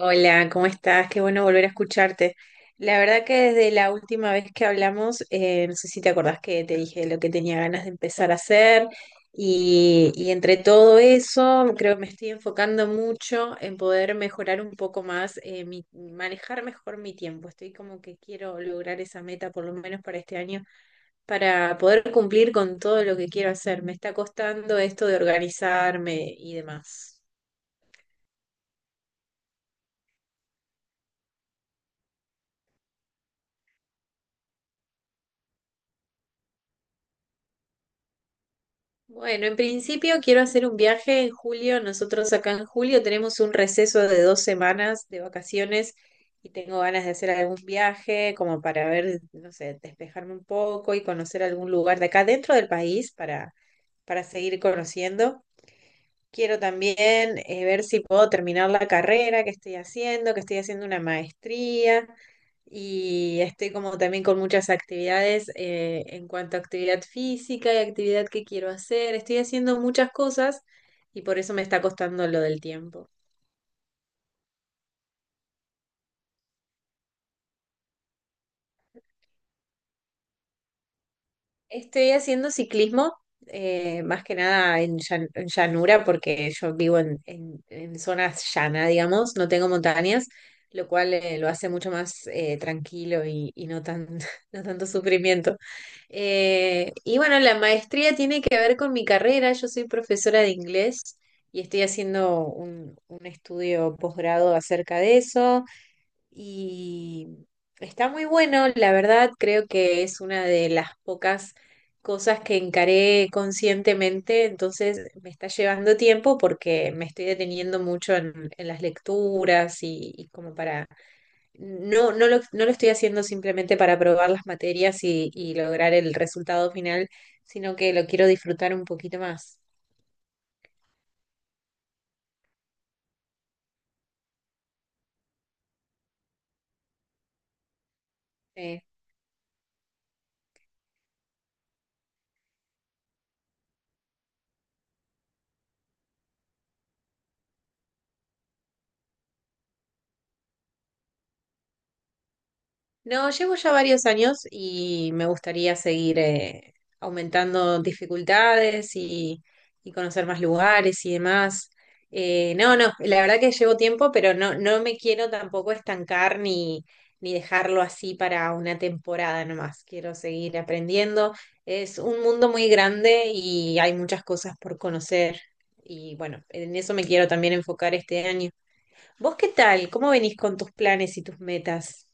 Hola, ¿cómo estás? Qué bueno volver a escucharte. La verdad que desde la última vez que hablamos, no sé si te acordás que te dije lo que tenía ganas de empezar a hacer y entre todo eso creo que me estoy enfocando mucho en poder mejorar un poco más, manejar mejor mi tiempo. Estoy como que quiero lograr esa meta por lo menos para este año, para poder cumplir con todo lo que quiero hacer. Me está costando esto de organizarme y demás. Bueno, en principio quiero hacer un viaje en julio. Nosotros acá en julio tenemos un receso de 2 semanas de vacaciones y tengo ganas de hacer algún viaje como para ver, no sé, despejarme un poco y conocer algún lugar de acá dentro del país para seguir conociendo. Quiero también ver si puedo terminar la carrera que estoy haciendo una maestría y estoy como también con muchas actividades en cuanto a actividad física y actividad que quiero hacer. Estoy haciendo muchas cosas y por eso me está costando lo del tiempo. Estoy haciendo ciclismo, más que nada en llanura, porque yo vivo en zonas llana, digamos, no tengo montañas, lo cual lo hace mucho más tranquilo y no tanto sufrimiento. Y bueno, la maestría tiene que ver con mi carrera, yo soy profesora de inglés y estoy haciendo un estudio posgrado acerca de eso. Y está muy bueno, la verdad, creo que es una de las pocas cosas que encaré conscientemente, entonces me está llevando tiempo porque me estoy deteniendo mucho en las lecturas y como para, no, no lo, no lo estoy haciendo simplemente para probar las materias y lograr el resultado final, sino que lo quiero disfrutar un poquito más. eh. No, llevo ya varios años y me gustaría seguir aumentando dificultades y conocer más lugares y demás. No, no, la verdad que llevo tiempo, pero no, no me quiero tampoco estancar ni, ni dejarlo así para una temporada nomás. Quiero seguir aprendiendo. Es un mundo muy grande y hay muchas cosas por conocer. Y bueno, en eso me quiero también enfocar este año. ¿Vos qué tal? ¿Cómo venís con tus planes y tus metas?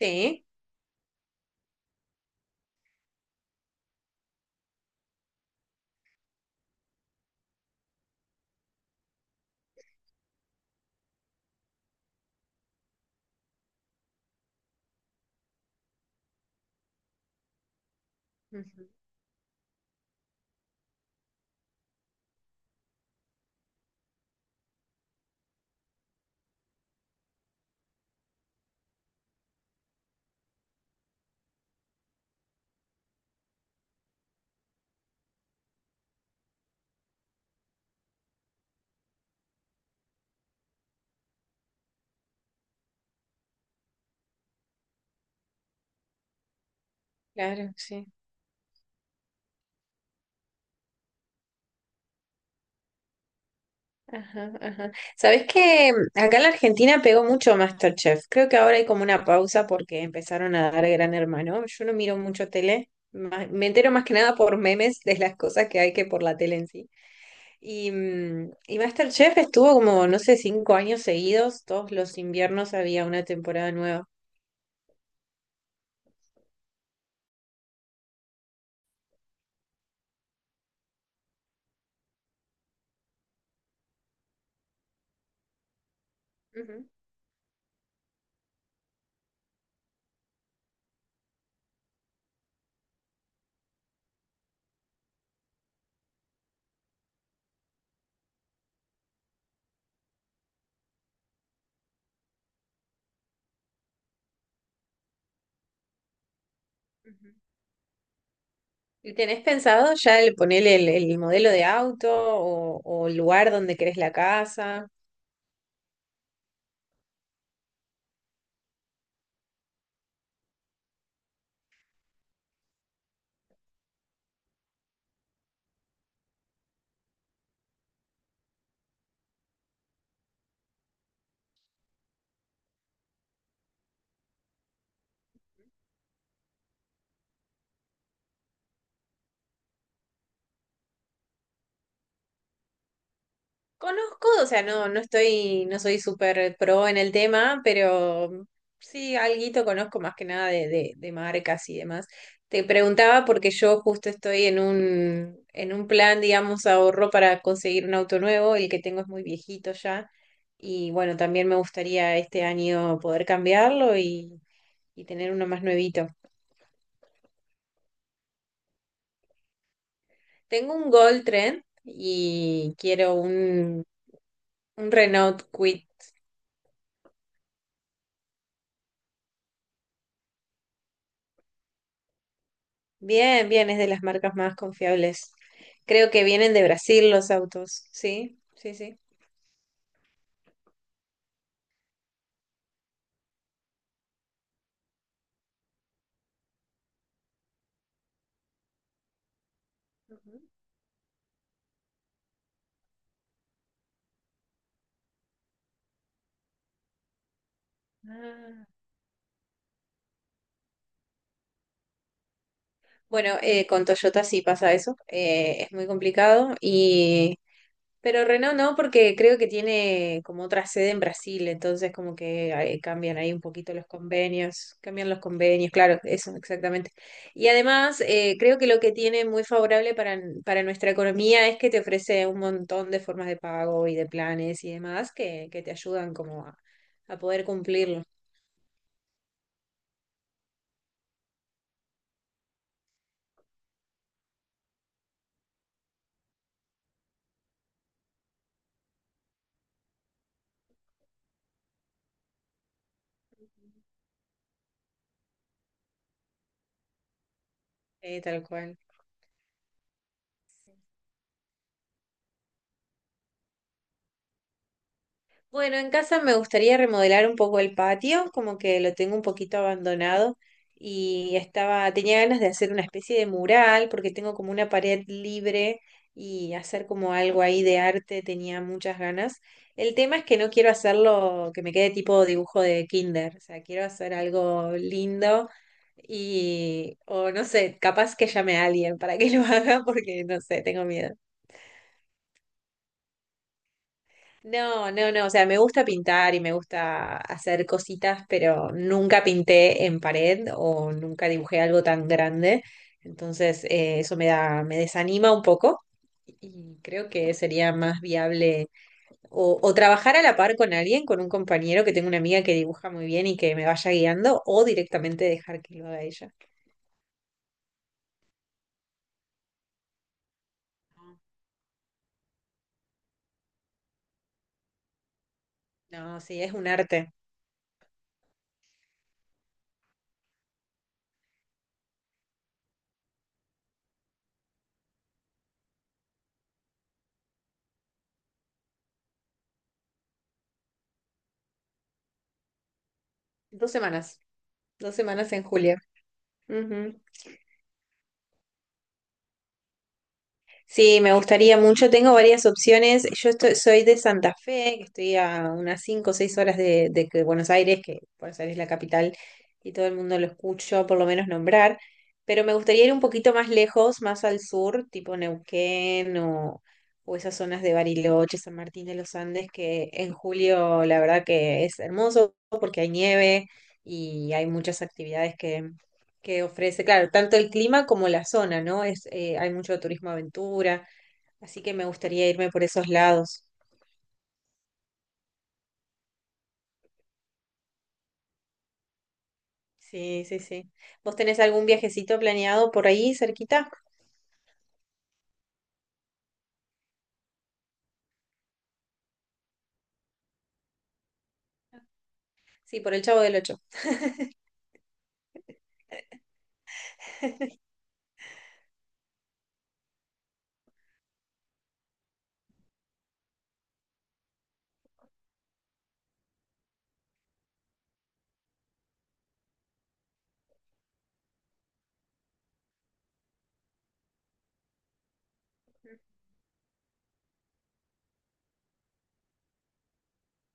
Sí. Ujú. Claro, sí. Ajá, ajá. ¿Sabés que acá en la Argentina pegó mucho MasterChef? Creo que ahora hay como una pausa porque empezaron a dar Gran Hermano. Yo no miro mucho tele, me entero más que nada por memes de las cosas que hay que por la tele en sí. Y, y MasterChef estuvo como, no sé, 5 años seguidos, todos los inviernos había una temporada nueva. Ujú, ujú. ¿Y tenés pensado ya el ponerle el modelo de auto o el lugar donde querés la casa? Conozco, o sea, no soy súper pro en el tema, pero sí, alguito conozco más que nada de, de marcas y demás. Te preguntaba porque yo justo estoy en un, plan, digamos, ahorro para conseguir un auto nuevo, el que tengo es muy viejito ya, y bueno, también me gustaría este año poder cambiarlo y tener uno más nuevito. Tengo un Gold Trend y quiero un Renault Kwid. Bien, bien, es de las marcas más confiables. Creo que vienen de Brasil los autos. Sí, sí, sí. Ujú. Ah. Bueno, con Toyota sí pasa eso. Es muy complicado. Pero Renault no, porque creo que tiene como otra sede en Brasil, entonces como que ahí cambian ahí un poquito los convenios, cambian los convenios, claro, eso exactamente. Y además, creo que lo que tiene muy favorable para, nuestra economía es que te ofrece un montón de formas de pago y de planes y demás que, te ayudan como a poder cumplirlo, tal cual. Bueno, en casa me gustaría remodelar un poco el patio, como que lo tengo un poquito abandonado y estaba, tenía ganas de hacer una especie de mural porque tengo como una pared libre y hacer como algo ahí de arte, tenía muchas ganas. El tema es que no quiero hacerlo que me quede tipo dibujo de kinder, o sea, quiero hacer algo lindo y, o no sé, capaz que llame a alguien para que lo haga porque no sé, tengo miedo. No, no, no, o sea, me gusta pintar y me gusta hacer cositas, pero nunca pinté en pared o nunca dibujé algo tan grande, entonces eso me da, me desanima un poco y creo que sería más viable o trabajar a la par con alguien, con un compañero que tengo una amiga que dibuja muy bien y que me vaya guiando o directamente dejar que lo haga ella. No, sí, es un arte. 2 semanas, 2 semanas en julio. Ujú. Sí, me gustaría mucho. Tengo varias opciones. Yo estoy- soy de Santa Fe, que estoy a unas 5 o 6 horas de, que Buenos Aires es la capital y todo el mundo lo escucho por lo menos nombrar, pero me gustaría ir un poquito más lejos, más al sur, tipo Neuquén o esas zonas de Bariloche, San Martín de los Andes, que en julio la verdad que es hermoso porque hay nieve y hay muchas actividades que ofrece, claro, tanto el clima como la zona, ¿no? Es, hay mucho turismo aventura, así que me gustaría irme por esos lados. Sí, sí, sí. ¿Vos tenés algún viajecito planeado por ahí cerquita? Sí, por el Chavo del Ocho.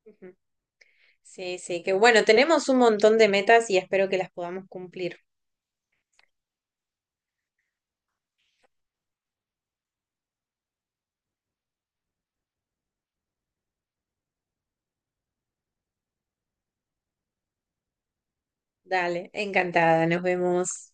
Ujú. Sí, sí, que bueno, tenemos un montón de metas y espero que las podamos cumplir. Dale, encantada, nos vemos.